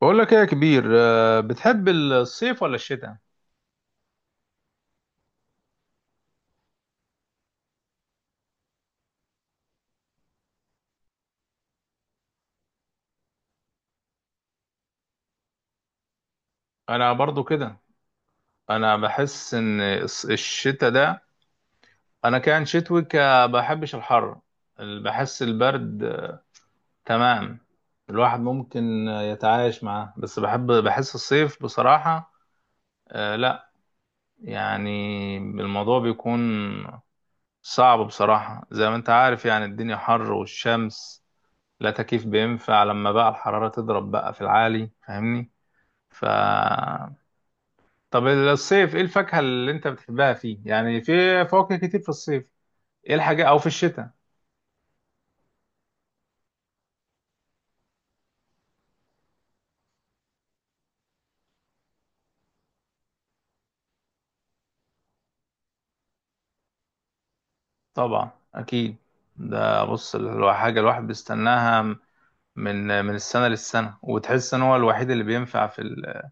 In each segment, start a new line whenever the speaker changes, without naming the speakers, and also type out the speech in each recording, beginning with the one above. بقول لك ايه يا كبير، بتحب الصيف ولا الشتاء؟ انا برضو كده. انا بحس ان الشتاء ده. انا كان شتوي بحبش الحر. بحس البرد، تمام. الواحد ممكن يتعايش معاه، بس بحس الصيف بصراحة. لا يعني الموضوع بيكون صعب بصراحة، زي ما انت عارف يعني الدنيا حر والشمس، لا تكييف بينفع لما بقى الحرارة تضرب بقى في العالي، فاهمني؟ ف طب الصيف، ايه الفاكهة اللي انت بتحبها فيه؟ يعني في فواكه كتير في الصيف. ايه الحاجة او في الشتاء؟ طبعا اكيد. ده بص، حاجة الواحد بيستناها من السنة للسنة، وتحس ان هو الوحيد اللي بينفع في ال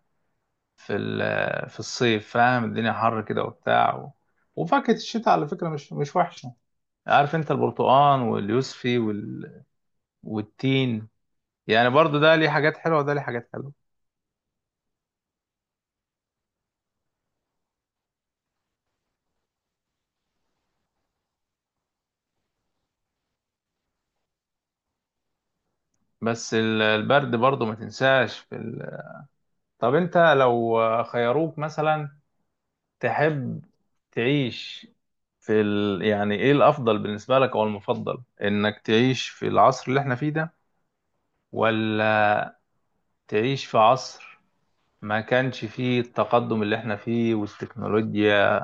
في ال في الصيف. فاهم؟ الدنيا حر كده وبتاع و... وفاكهة الشتاء على فكرة مش وحشة. عارف انت، البرتقال واليوسفي وال... والتين، يعني برضو ده ليه حاجات حلوة وده ليه حاجات حلوة. بس البرد برضو ما تنساش في ال... طب انت لو خيروك مثلا، تحب تعيش في ال... يعني ايه الافضل بالنسبه لك او المفضل، انك تعيش في العصر اللي احنا فيه ده، ولا تعيش في عصر ما كانش فيه التقدم اللي احنا فيه والتكنولوجيا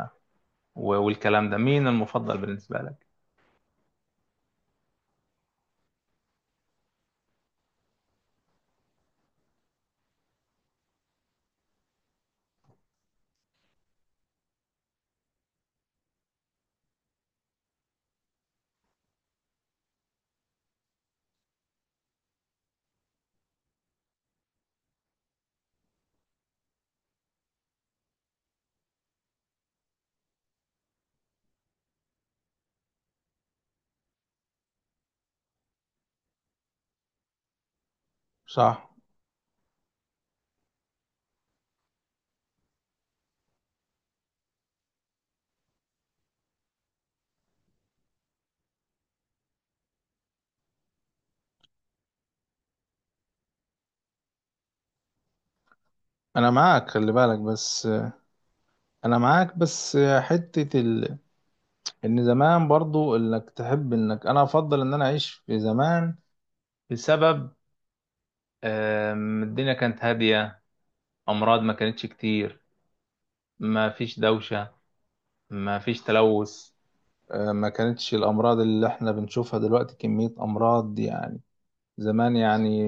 والكلام ده؟ مين المفضل بالنسبه لك؟ صح. انا معاك، خلي بالك بس. انا معاك بس حتة ال... ان زمان، برضو انك تحب انك، انا افضل ان انا اعيش في زمان بسبب، الدنيا كانت هادية، أمراض ما كانتش كتير، ما فيش دوشة، ما فيش تلوث. ما كانتش الأمراض اللي احنا بنشوفها دلوقتي كمية أمراض يعني. زمان يعني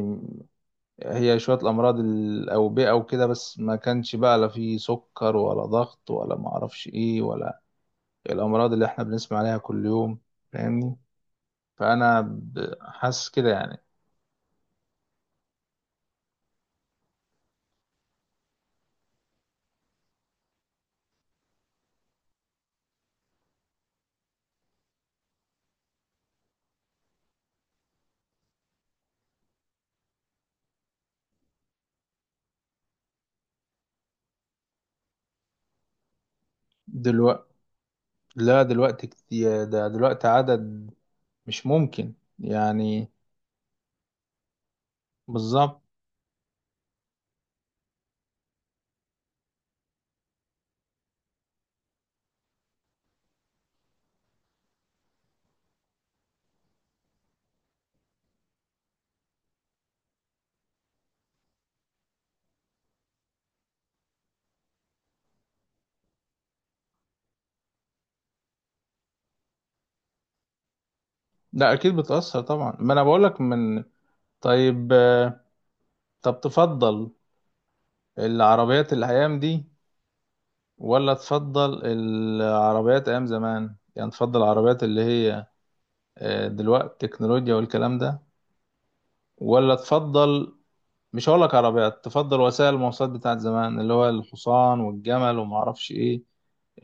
هي شوية الأمراض الأوبئة وكده، بس ما كانش بقى لا في سكر ولا ضغط ولا معرفش إيه، ولا الأمراض اللي احنا بنسمع عليها كل يوم. فاهمني؟ فأنا حاسس كده يعني. دلوقتي، لا دلوقتي كتير، ده دلوقتي عدد مش ممكن يعني. بالظبط. لا اكيد بتأثر طبعا، ما انا بقولك من. طيب، طب تفضل العربيات الايام دي ولا تفضل العربيات ايام زمان؟ يعني تفضل العربيات اللي هي، دلوقتي تكنولوجيا والكلام ده، ولا تفضل، مش هقولك عربيات، تفضل وسائل المواصلات بتاعت زمان، اللي هو الحصان والجمل وما اعرفش ايه،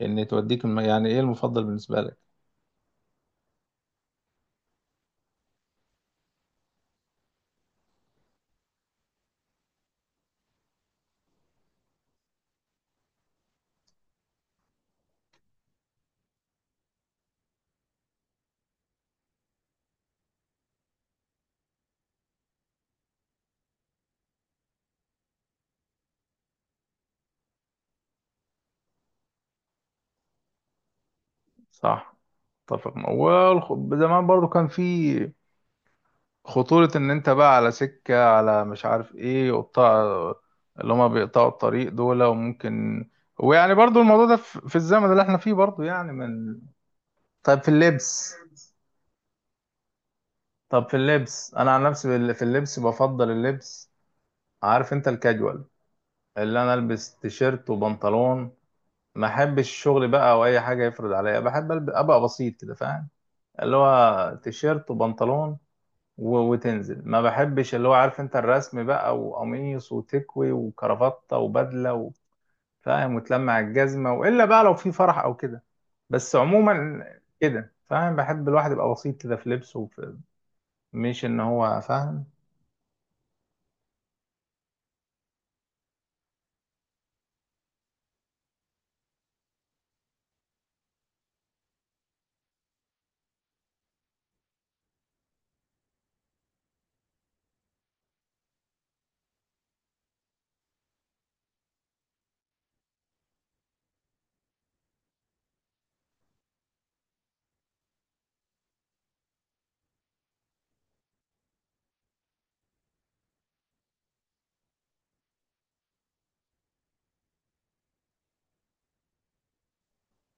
ان توديك يعني ايه المفضل بالنسبة لك؟ صح، اتفق معاك. زمان برضو كان في خطورة، ان انت بقى على سكة، على مش عارف ايه، وقطاع اللي هما بيقطعوا الطريق دول، وممكن، ويعني برضو الموضوع ده في الزمن اللي احنا فيه برضو يعني من. طيب، في اللبس، طب في اللبس انا عن نفسي في اللبس، بفضل اللبس، عارف انت، الكاجوال، اللي انا البس تيشيرت وبنطلون. ما احبش الشغل بقى او اي حاجه يفرض عليا، بحب ابقى بسيط كده، فاهم؟ اللي هو تيشيرت وبنطلون وتنزل. ما بحبش اللي هو، عارف انت، الرسم بقى وقميص وتكوي وكرافتة وبدلة فاهم، وتلمع الجزمة، والا بقى لو في فرح او كده. بس عموما كده فاهم، بحب الواحد يبقى بسيط كده في لبسه وفي، مش ان هو فاهم.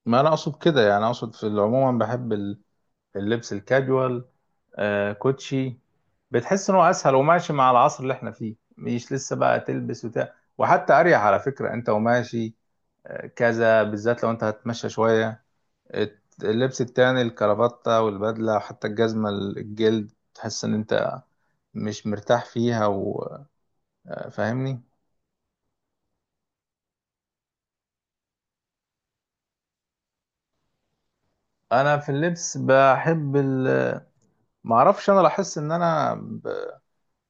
ما انا اقصد كده يعني، اقصد في العموم بحب اللبس الكاجوال، آه، كوتشي. بتحس ان هو اسهل وماشي مع العصر اللي احنا فيه، مش لسه بقى تلبس وتاع، وحتى اريح على فكرة انت وماشي، كذا، بالذات لو انت هتمشى شوية. اللبس التاني، الكرافتة والبدلة وحتى الجزمة الجلد، تحس ان انت مش مرتاح فيها، وفاهمني. انا في اللبس بحب ال... معرفش، انا لاحظت ان انا ب...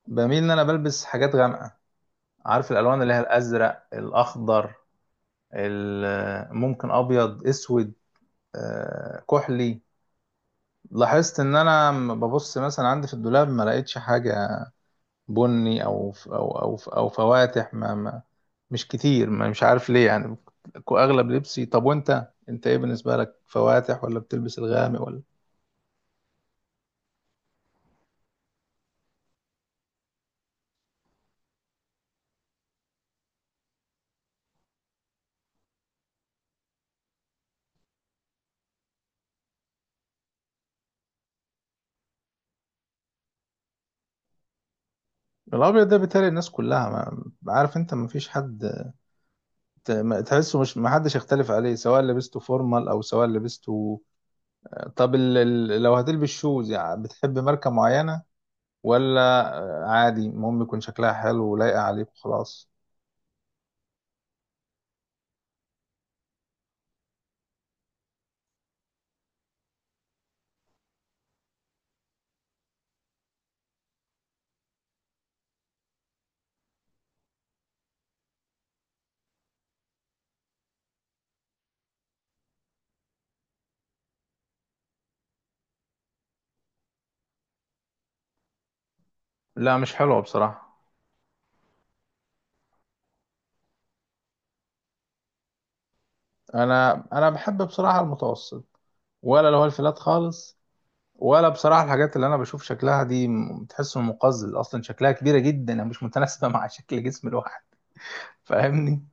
بميل ان انا بلبس حاجات غامقة. عارف الالوان اللي هي الازرق، الاخضر، ال... ممكن ابيض، اسود، كحلي. لاحظت ان انا ببص مثلا عندي في الدولاب ما لقيتش حاجة بني او فواتح، ما مش كتير، ما مش عارف ليه يعني، اغلب لبسي. طب وانت، انت ايه بالنسبه لك، فواتح ولا بتلبس الغامق ولا؟ الابيض ده بيتهيألي الناس كلها، ما عارف انت، ما فيش حد تحسه، مش، ما حدش يختلف عليه، سواء لبسته فورمال او سواء لبسته. طب لو هتلبس شوز، يعني بتحب ماركه معينه، ولا عادي المهم يكون شكلها حلو ولايقه عليك وخلاص؟ لا مش حلوه بصراحه. انا بحب بصراحه المتوسط، ولا لو الفلات خالص ولا. بصراحة الحاجات اللي أنا بشوف شكلها دي، بتحس إنه مقزز أصلا، شكلها كبيرة جدا مش متناسبة مع شكل جسم الواحد. فاهمني؟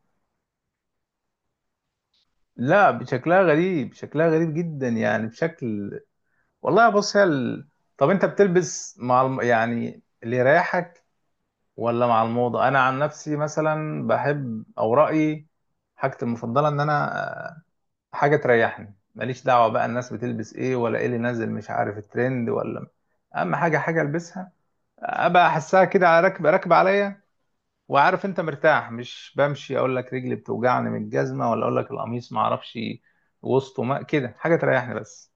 لا شكلها غريب، شكلها غريب جدا يعني، بشكل. والله بص، هي ال... طب أنت بتلبس مع يعني اللي يريحك، ولا مع الموضة؟ أنا عن نفسي مثلا بحب، أو رأيي، حاجتي المفضلة، إن أنا، آه، حاجة تريحني، ماليش دعوة بقى الناس بتلبس إيه ولا إيه اللي نازل، مش عارف الترند ولا. اهم حاجه، حاجه البسها، ابقى احسها كده على، راكب راكب عليا. وعارف انت مرتاح، مش بمشي اقول لك رجلي بتوجعني من الجزمه، ولا اقول لك القميص ما اعرفش وسطه، ما كده، حاجه تريحني بس.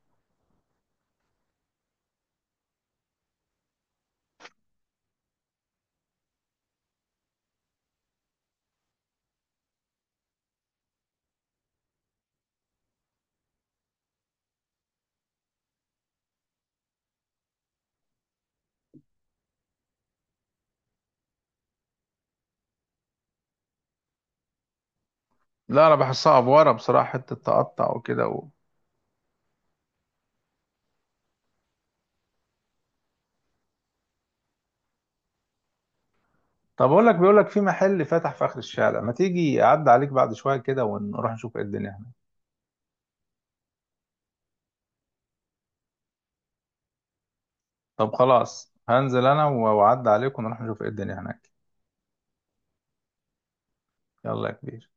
لا انا بحسها افوره بصراحه، حته تقطع وكده و... طب اقول لك، بيقول لك في محل فتح في اخر الشارع، ما تيجي اعدي عليك بعد شويه كده ونروح نشوف ايه الدنيا هناك. طب خلاص هنزل انا، واعدي عليك ونروح نشوف ايه الدنيا هناك. يلا يا كبير.